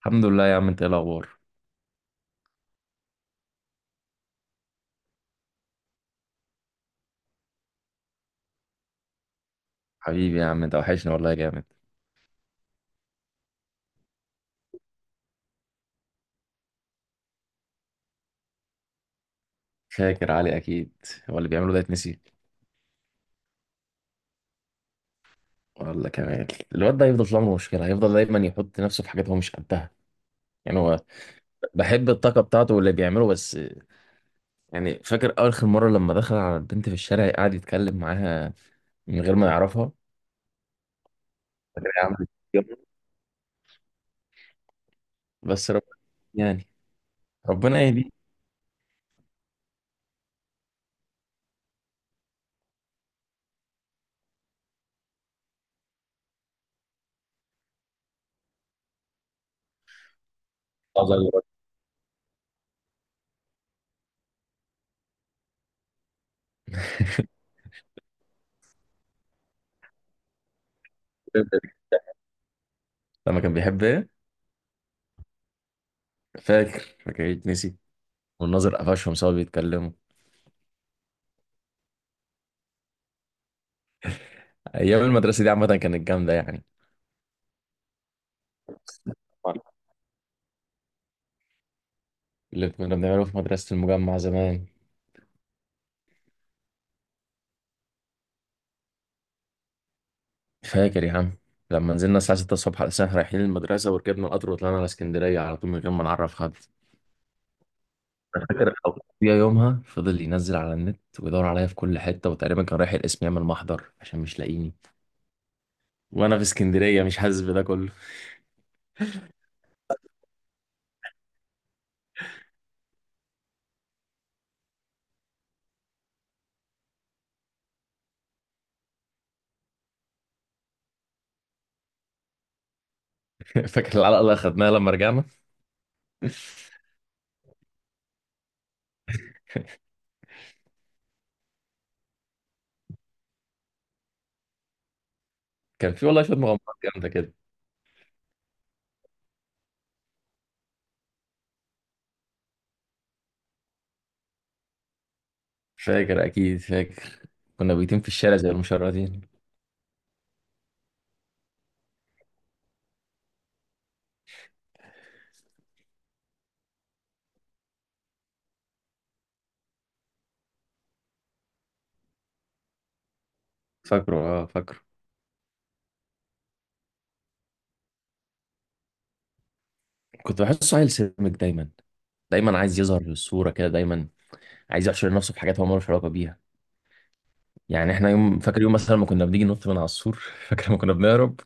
الحمد لله يا عم، انت ايه الاخبار؟ حبيبي يا عم، انت وحشني والله جامد. فاكر علي اكيد. هو اللي بيعمله ده يتنسي؟ ولا كمان. الواد ده هيفضل طول عمره مشكله، هيفضل دايما يحط نفسه في حاجات هو مش قدها. يعني هو بحب الطاقه بتاعته واللي بيعمله بس. يعني فاكر اخر مره لما دخل على البنت في الشارع قعد يتكلم معاها من غير ما يعرفها. فاكر يا عم. بس رب يعني ربنا يهديه. الله يرحمه. لما كان بيحب ايه؟ فاكر فاكر يتنسي. والناظر قفشهم سوا بيتكلموا. ايام المدرسه دي عامه كانت جامده يعني. ولا- اللي كنا بنعمله في مدرسة المجمع زمان. فاكر يا عم. لما نزلنا الساعة 6 الصبح على الساعة رايحين المدرسة، وركبنا القطر وطلعنا على اسكندرية على طول من غير ما نعرف حد. فاكر. يا يومها فضل ينزل على النت ويدور عليا في كل حتة، وتقريبا كان رايح القسم يعمل محضر عشان مش لاقيني، وأنا في اسكندرية مش حاسس بده كله. فاكر العلقة اللي أخدناها لما رجعنا. كان في والله شوية مغامرات جامدة كده. فاكر أكيد فاكر. كنا بيتين في الشارع زي المشردين. فاكره، اه، فاكره. كنت بحسه عيل سمج دايما، دايما عايز يظهر في الصورة كده، دايما عايز يحشر نفسه في حاجات هو مالوش علاقة بيها. يعني احنا يوم، فاكر يوم مثلا ما كنا بنيجي ننط من على السور. فاكر ما كنا بنهرب.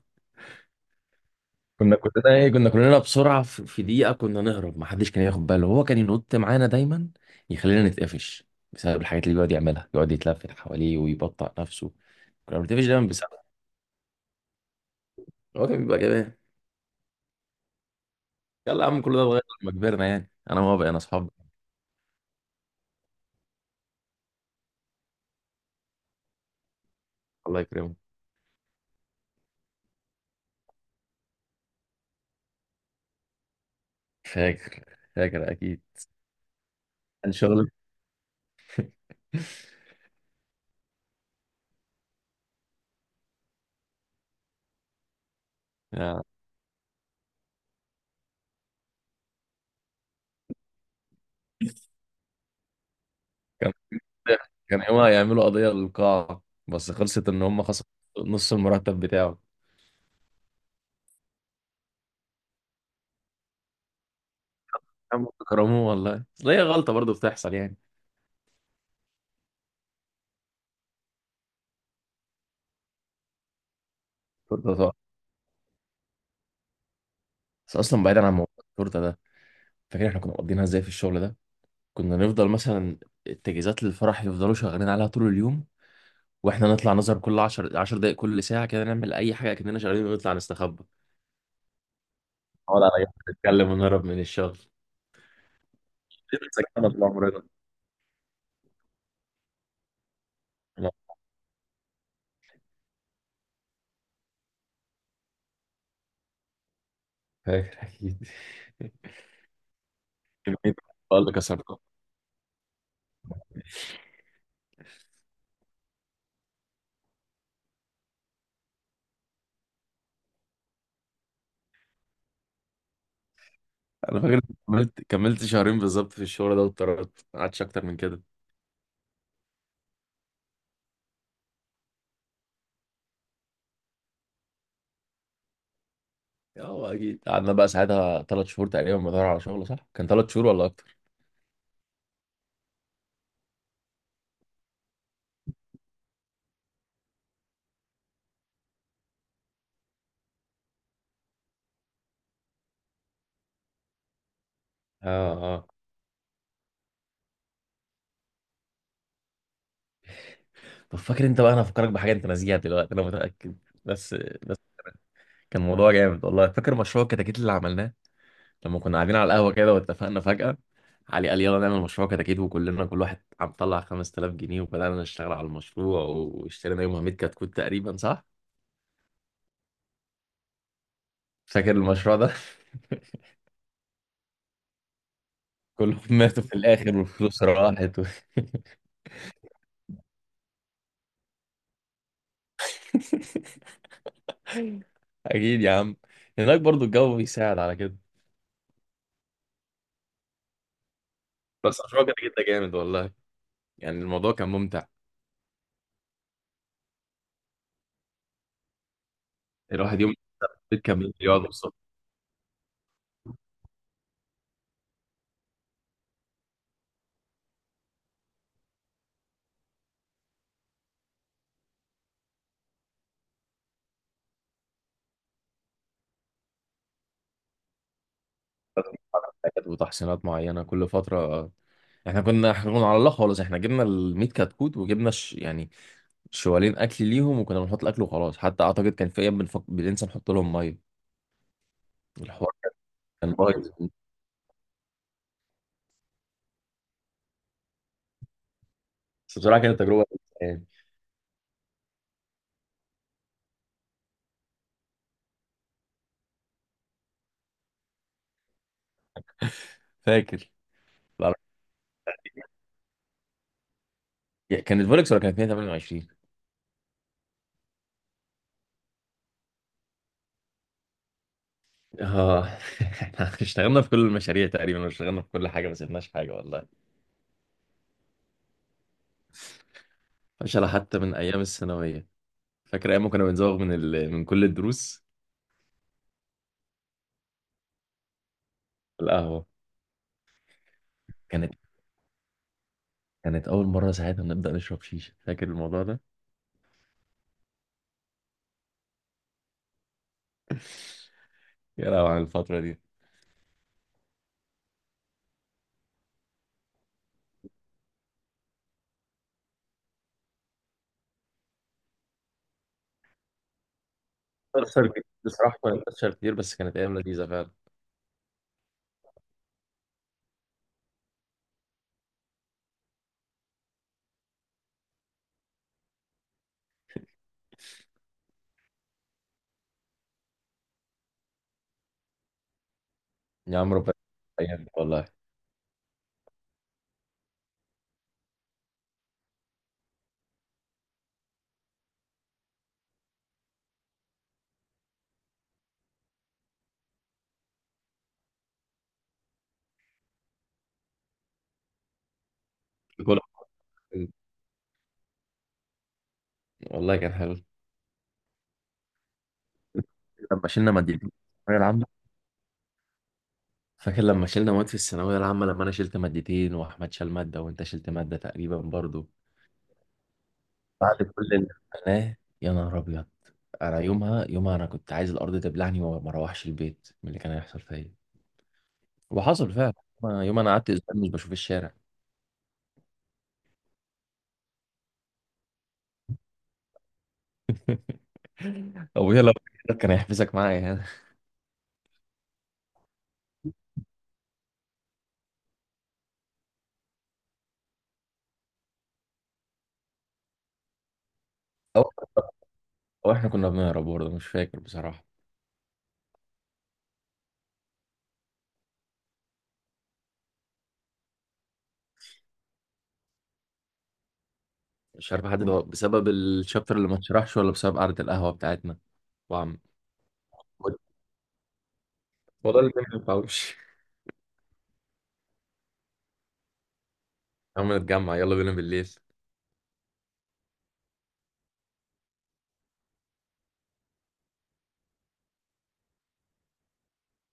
كنا كلنا بسرعة، في دقيقة كنا نهرب، ما حدش كان ياخد باله. هو كان ينط معانا دايما يخلينا نتقفش، بسبب الحاجات اللي بيقعد يعملها، يقعد يتلفت حواليه ويبطأ نفسه. كنا بنتقفش دايما بسبب. هو كان بيبقى جبان. يلا يا عم، كل ده اتغير لما كبرنا. يعني انا وهو بقينا اصحاب. الله يكرمه. فاكر، فاكر اكيد. كان شغل. يعني كان كان يومها يعملوا قضية للقاعة، بس خلصت إن هم خسروا نص المرتب بتاعه. عم كرموه والله، أصل هي غلطة برضه بتحصل يعني. التورتة طبعا. بس أصلا بعيدا عن موضوع التورتة ده، فاكر إحنا كنا مقضينها إزاي في الشغل ده؟ كنا نفضل مثلا التجهيزات للفرح يفضلوا شغالين عليها طول اليوم، وإحنا نطلع نظهر كل 10 10 دقايق كل ساعة كده، نعمل أي حاجة كأننا شغالين ونطلع نستخبى، نقعد على جنب نتكلم ونهرب من الشغل. دي سكتنا طول عمرنا. لا، فاكر أكيد. كمية الأطفال اللي كسرتهم! انا فاكر إني كملت شهرين بالظبط في الشغل ده واتطردت، ما قعدتش اكتر من كده. اه اكيد، قعدنا بقى ساعتها 3 شهور تقريبا بدور على شغل. صح كان 3 شهور ولا اكتر؟ اه، اه. طب فاكر انت بقى، انا هفكرك بحاجه انت ناسيها دلوقتي انا متاكد. بس بس كان موضوع جامد والله. فاكر مشروع الكتاكيت اللي عملناه لما كنا قاعدين على القهوه كده واتفقنا فجاه؟ علي قال يلا نعمل مشروع كتاكيت، وكلنا كل واحد عم طلع 5000 جنيه، وبدانا نشتغل على المشروع، واشترينا يومها 100 كتكوت تقريبا. صح فاكر المشروع ده؟ كلهم ماتوا في الآخر والفلوس راحت و... أكيد يا عم. هناك برضو الجو بيساعد على كده. بس المشروع كده كده جامد والله. يعني الموضوع كان ممتع. الواحد يوم في البيت كان بيقعد يوصل حاجات وتحسينات معينة كل فترة. احنا كنا على الله خالص. احنا جبنا ال 100 كتكوت، وجبنا يعني شوالين اكل ليهم، وكنا بنحط الاكل وخلاص. حتى اعتقد كان في ايام بننسى نحط لهم ميه. الحوار كان بايظ. بس بصراحه كانت تجربه يعني. فاكر كانت فولكس ولا كانت 128؟ اه. احنا اشتغلنا في كل المشاريع تقريبا، واشتغلنا في كل حاجه، ما سيبناش حاجه والله. فشلة حتى من ايام الثانويه. فاكر ايام ما كنا بنزوغ من من كل الدروس؟ القهوه. كانت كانت اول مره ساعتها نبدا نشرب شيشه. فاكر الموضوع ده؟ يا لهوي على الفتره دي. بتخسر كتير بصراحه، كنا بنخسر كتير، بس كانت ايام لذيذه فعلا. يا عم ربنا يعينك والله. كل والله كان حلو. لما شلنا مادتين في الثانوية العامة. فاكر لما شلنا مواد في الثانوية العامة؟ لما أنا شلت مادتين، وأحمد شال مادة، وأنت شلت مادة تقريبا برضو. بعد كل اللي عملناه، يا نهار أبيض. أنا يومها، يومها أنا كنت عايز الأرض تبلعني، وما ما أروحش البيت من اللي كان هيحصل فيا. وحصل فعلا. يومها، يومها أنا قعدت أسبوع مش بشوف الشارع. أبويا لو كان هيحبسك معايا هنا. أو أو إحنا كنا بنهرب برضه، مش فاكر بصراحة. مش عارف حد ده بسبب الشابتر اللي ما اتشرحش ولا بسبب قعدة القهوة بتاعتنا. وعم والله اللي ما ينفعوش. عم نتجمع، يلا بينا بالليل.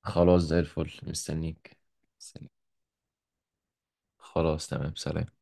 خلاص زي الفل، مستنيك. سلام. خلاص تمام، سلام.